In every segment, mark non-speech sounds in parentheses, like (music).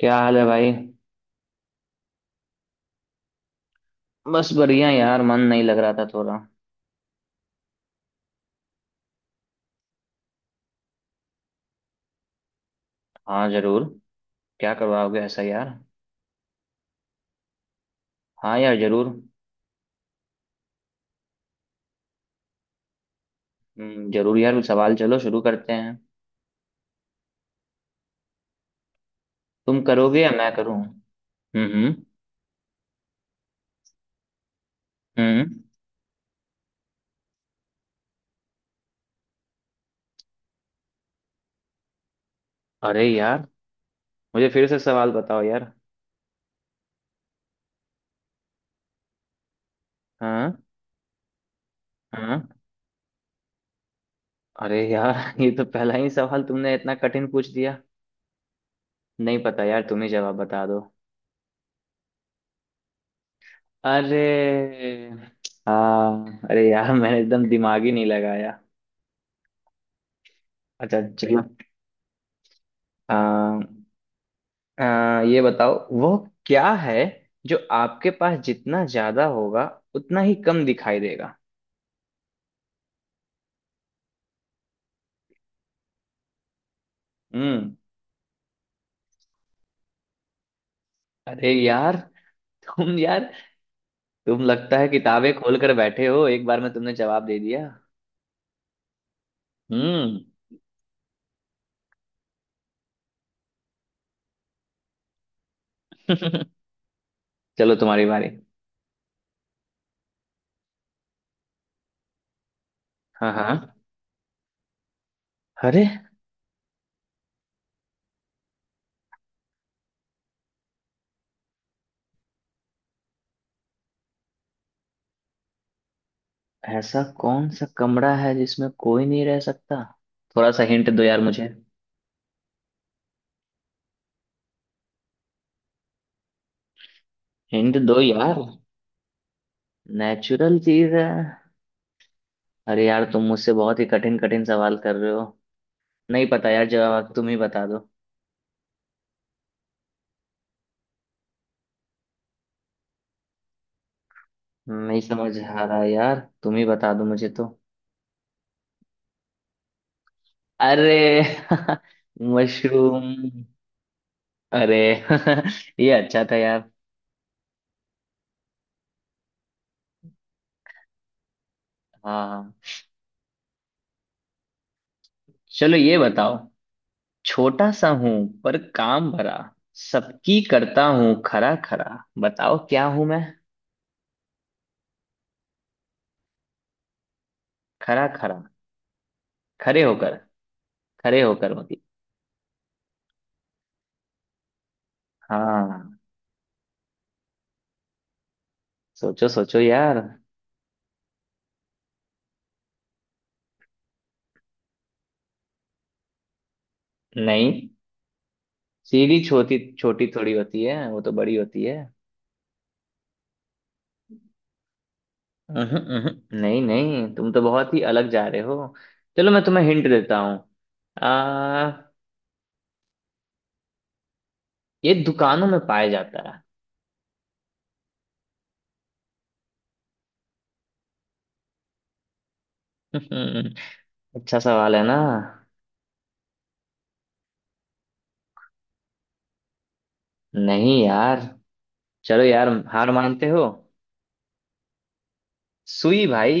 क्या हाल है भाई। बस बढ़िया यार, मन नहीं लग रहा था थोड़ा। हाँ जरूर। क्या करवाओगे ऐसा यार? हाँ यार जरूर जरूर यार, कुछ सवाल चलो शुरू करते हैं। तुम करोगे या मैं करूँ? हम्म। हम्म। अरे यार, मुझे फिर से सवाल बताओ यार। हाँ हाँ। अरे यार (laughs) ये तो पहला ही सवाल तुमने इतना कठिन पूछ दिया। नहीं पता यार, तुम ही जवाब बता दो। अरे। हाँ अरे यार, मैंने एकदम दिमाग ही नहीं लगाया। अच्छा चलो। हाँ। अ, ये बताओ वो क्या है जो आपके पास जितना ज्यादा होगा उतना ही कम दिखाई देगा। हम्म। अरे यार, तुम यार, तुम लगता है किताबें खोल कर बैठे हो, एक बार में तुमने जवाब दे दिया। हम्म। चलो तुम्हारी बारी। हाँ हाँ। अरे, ऐसा कौन सा कमरा है जिसमें कोई नहीं रह सकता? थोड़ा सा हिंट दो यार मुझे। हिंट दो यार। नेचुरल चीज है। अरे यार, तुम मुझसे बहुत ही कठिन कठिन सवाल कर रहे हो। नहीं पता यार, जवाब तुम ही बता दो। नहीं समझ आ रहा यार, तुम ही बता दो मुझे तो। अरे (laughs) मशरूम। अरे (laughs) ये अच्छा था यार। हाँ हाँ। चलो ये बताओ। छोटा सा हूं, पर काम भरा, सबकी करता हूँ खरा खरा। बताओ क्या हूं मैं? खरा खरा, खरे होकर। खरे होकर मतलब। हाँ। सोचो सोचो यार। नहीं, सीढ़ी छोटी छोटी थोड़ी होती है, वो तो बड़ी होती है। उहुं, उहुं। नहीं नहीं, तुम तो बहुत ही अलग जा रहे हो। चलो मैं तुम्हें हिंट देता हूँ। आ ये दुकानों में पाया जाता है। (laughs) अच्छा सवाल है ना? नहीं यार। चलो यार, हार मानते हो? सुई भाई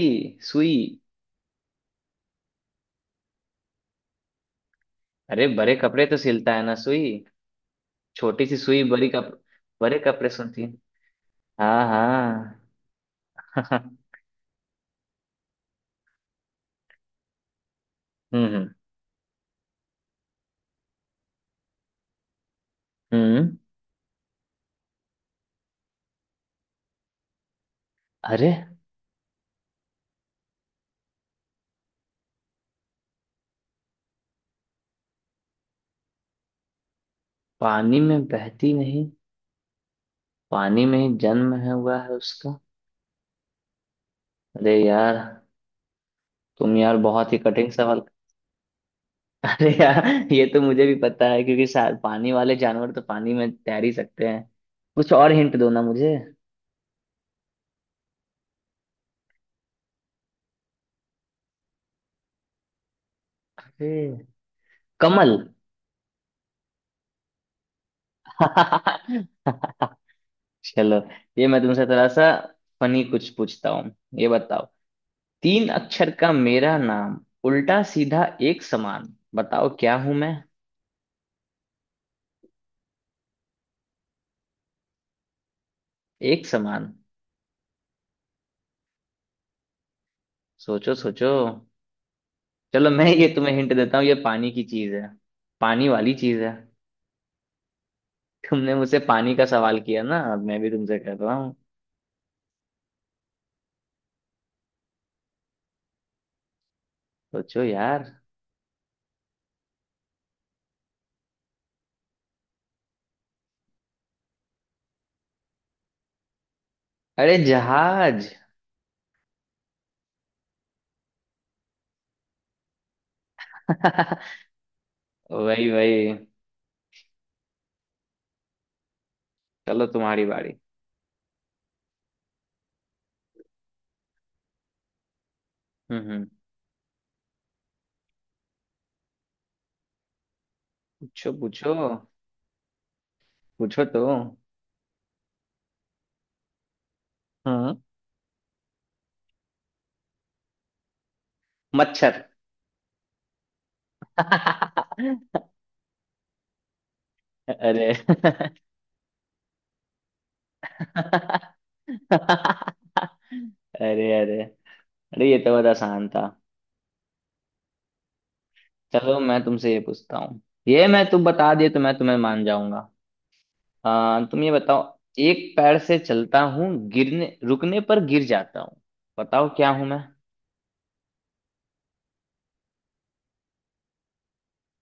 सुई। अरे बड़े कपड़े तो सिलता है ना सुई। छोटी सी सुई, बड़ी कप बड़े कपड़े सुनती है। हाँ हाँ। (laughs) हम्म। हम्म। अरे, पानी में बहती नहीं, पानी में ही जन्म है हुआ है उसका। अरे यार, तुम यार बहुत ही कठिन सवाल। (laughs) अरे यार, ये तो मुझे भी पता है क्योंकि शायद पानी वाले जानवर तो पानी में तैर ही सकते हैं। कुछ और हिंट दो ना मुझे। अरे कमल। (laughs) चलो ये मैं तुमसे थोड़ा सा फनी कुछ पूछता हूँ। ये बताओ, तीन अक्षर का मेरा नाम, उल्टा सीधा एक समान, बताओ क्या हूं मैं? एक समान। सोचो सोचो। चलो मैं ये तुम्हें हिंट देता हूँ, ये पानी की चीज है। पानी वाली चीज है। तुमने मुझसे पानी का सवाल किया ना, अब मैं भी तुमसे कर रहा। सोचो यार। अरे जहाज। (laughs) वही वही। चलो तुम्हारी बारी। हम्म। पूछो पूछो। पूछो तो। हम्म। मच्छर। (laughs) अरे (laughs) अरे। अरे, अरे ये तो बहुत आसान था। चलो मैं तुमसे ये पूछता हूँ, ये मैं तुम बता दिए तो मैं तुम्हें मान जाऊंगा। तुम ये बताओ, एक पैर से चलता हूँ, गिरने रुकने पर गिर जाता हूँ, बताओ क्या हूं मैं?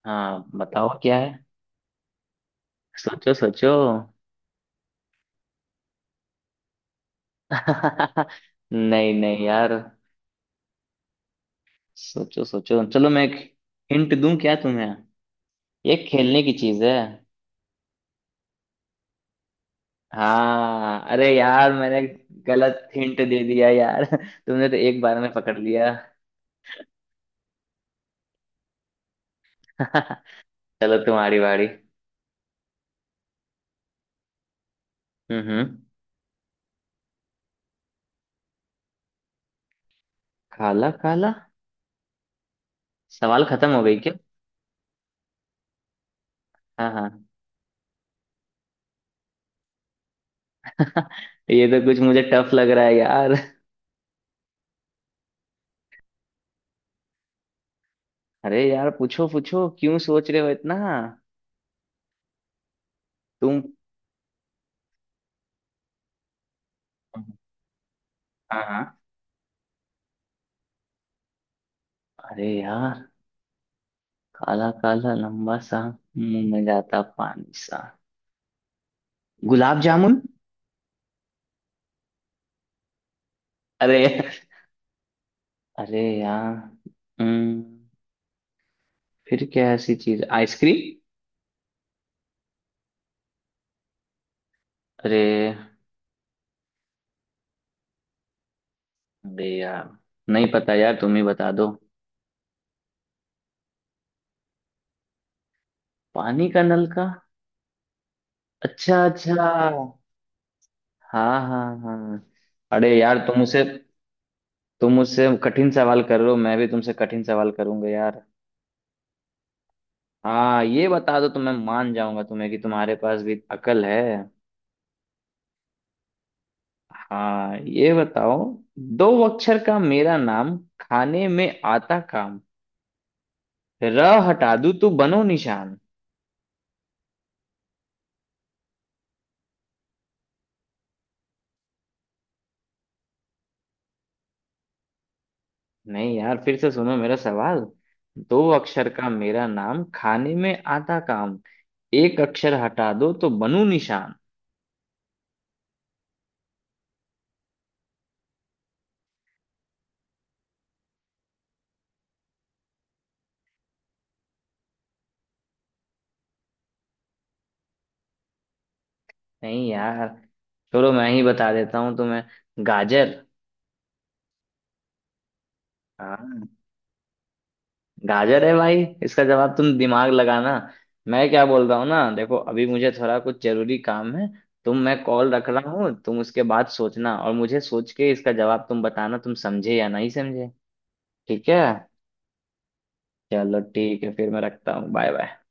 हाँ बताओ क्या है। सोचो सोचो। (laughs) नहीं नहीं यार। सोचो सोचो, चलो मैं एक हिंट दूं क्या तुम्हें? ये खेलने की चीज है। हाँ अरे यार, मैंने गलत हिंट दे दिया यार। (laughs) तुमने तो एक बार में पकड़ लिया। (laughs) चलो तुम्हारी बारी। हम्म। काला काला। सवाल खत्म हो गई क्या? हाँ हाँ। ये तो कुछ मुझे टफ लग रहा है यार। अरे यार, पूछो पूछो, क्यों सोच रहे हो इतना? तुम। हाँ हाँ। अरे यार, काला काला लंबा सा, मुंह में जाता पानी सा, गुलाब जामुन। अरे, अरे यार। हम्म, फिर क्या ऐसी चीज, आइसक्रीम? अरे, अरे यार, नहीं पता यार, तुम ही बता दो। पानी का नलका। अच्छा अच्छा। हाँ हाँ हाँ। अरे यार तुम उसे, तुम उससे कठिन सवाल कर रहे हो, मैं भी तुमसे कठिन सवाल करूंगा यार। हाँ ये बता दो तो मैं मान जाऊंगा तुम्हें कि तुम्हारे पास भी अकल है। हाँ ये बताओ, दो अक्षर का मेरा नाम, खाने में आता काम, र हटा दूं तो बनो निशान। नहीं यार, फिर से सुनो मेरा सवाल। दो अक्षर का मेरा नाम, खाने में आता काम, एक अक्षर हटा दो तो बनूं निशान। नहीं यार, छोड़ो, मैं ही बता देता हूँ तुम्हें। गाजर। हाँ गाजर है भाई, इसका जवाब तुम दिमाग लगाना। मैं क्या बोल रहा हूँ ना देखो, अभी मुझे थोड़ा कुछ जरूरी काम है। तुम, मैं कॉल रख रहा हूँ, तुम उसके बाद सोचना और मुझे सोच के इसका जवाब तुम बताना, तुम समझे या नहीं समझे? ठीक है। चलो ठीक है, फिर मैं रखता हूँ। Bye bye.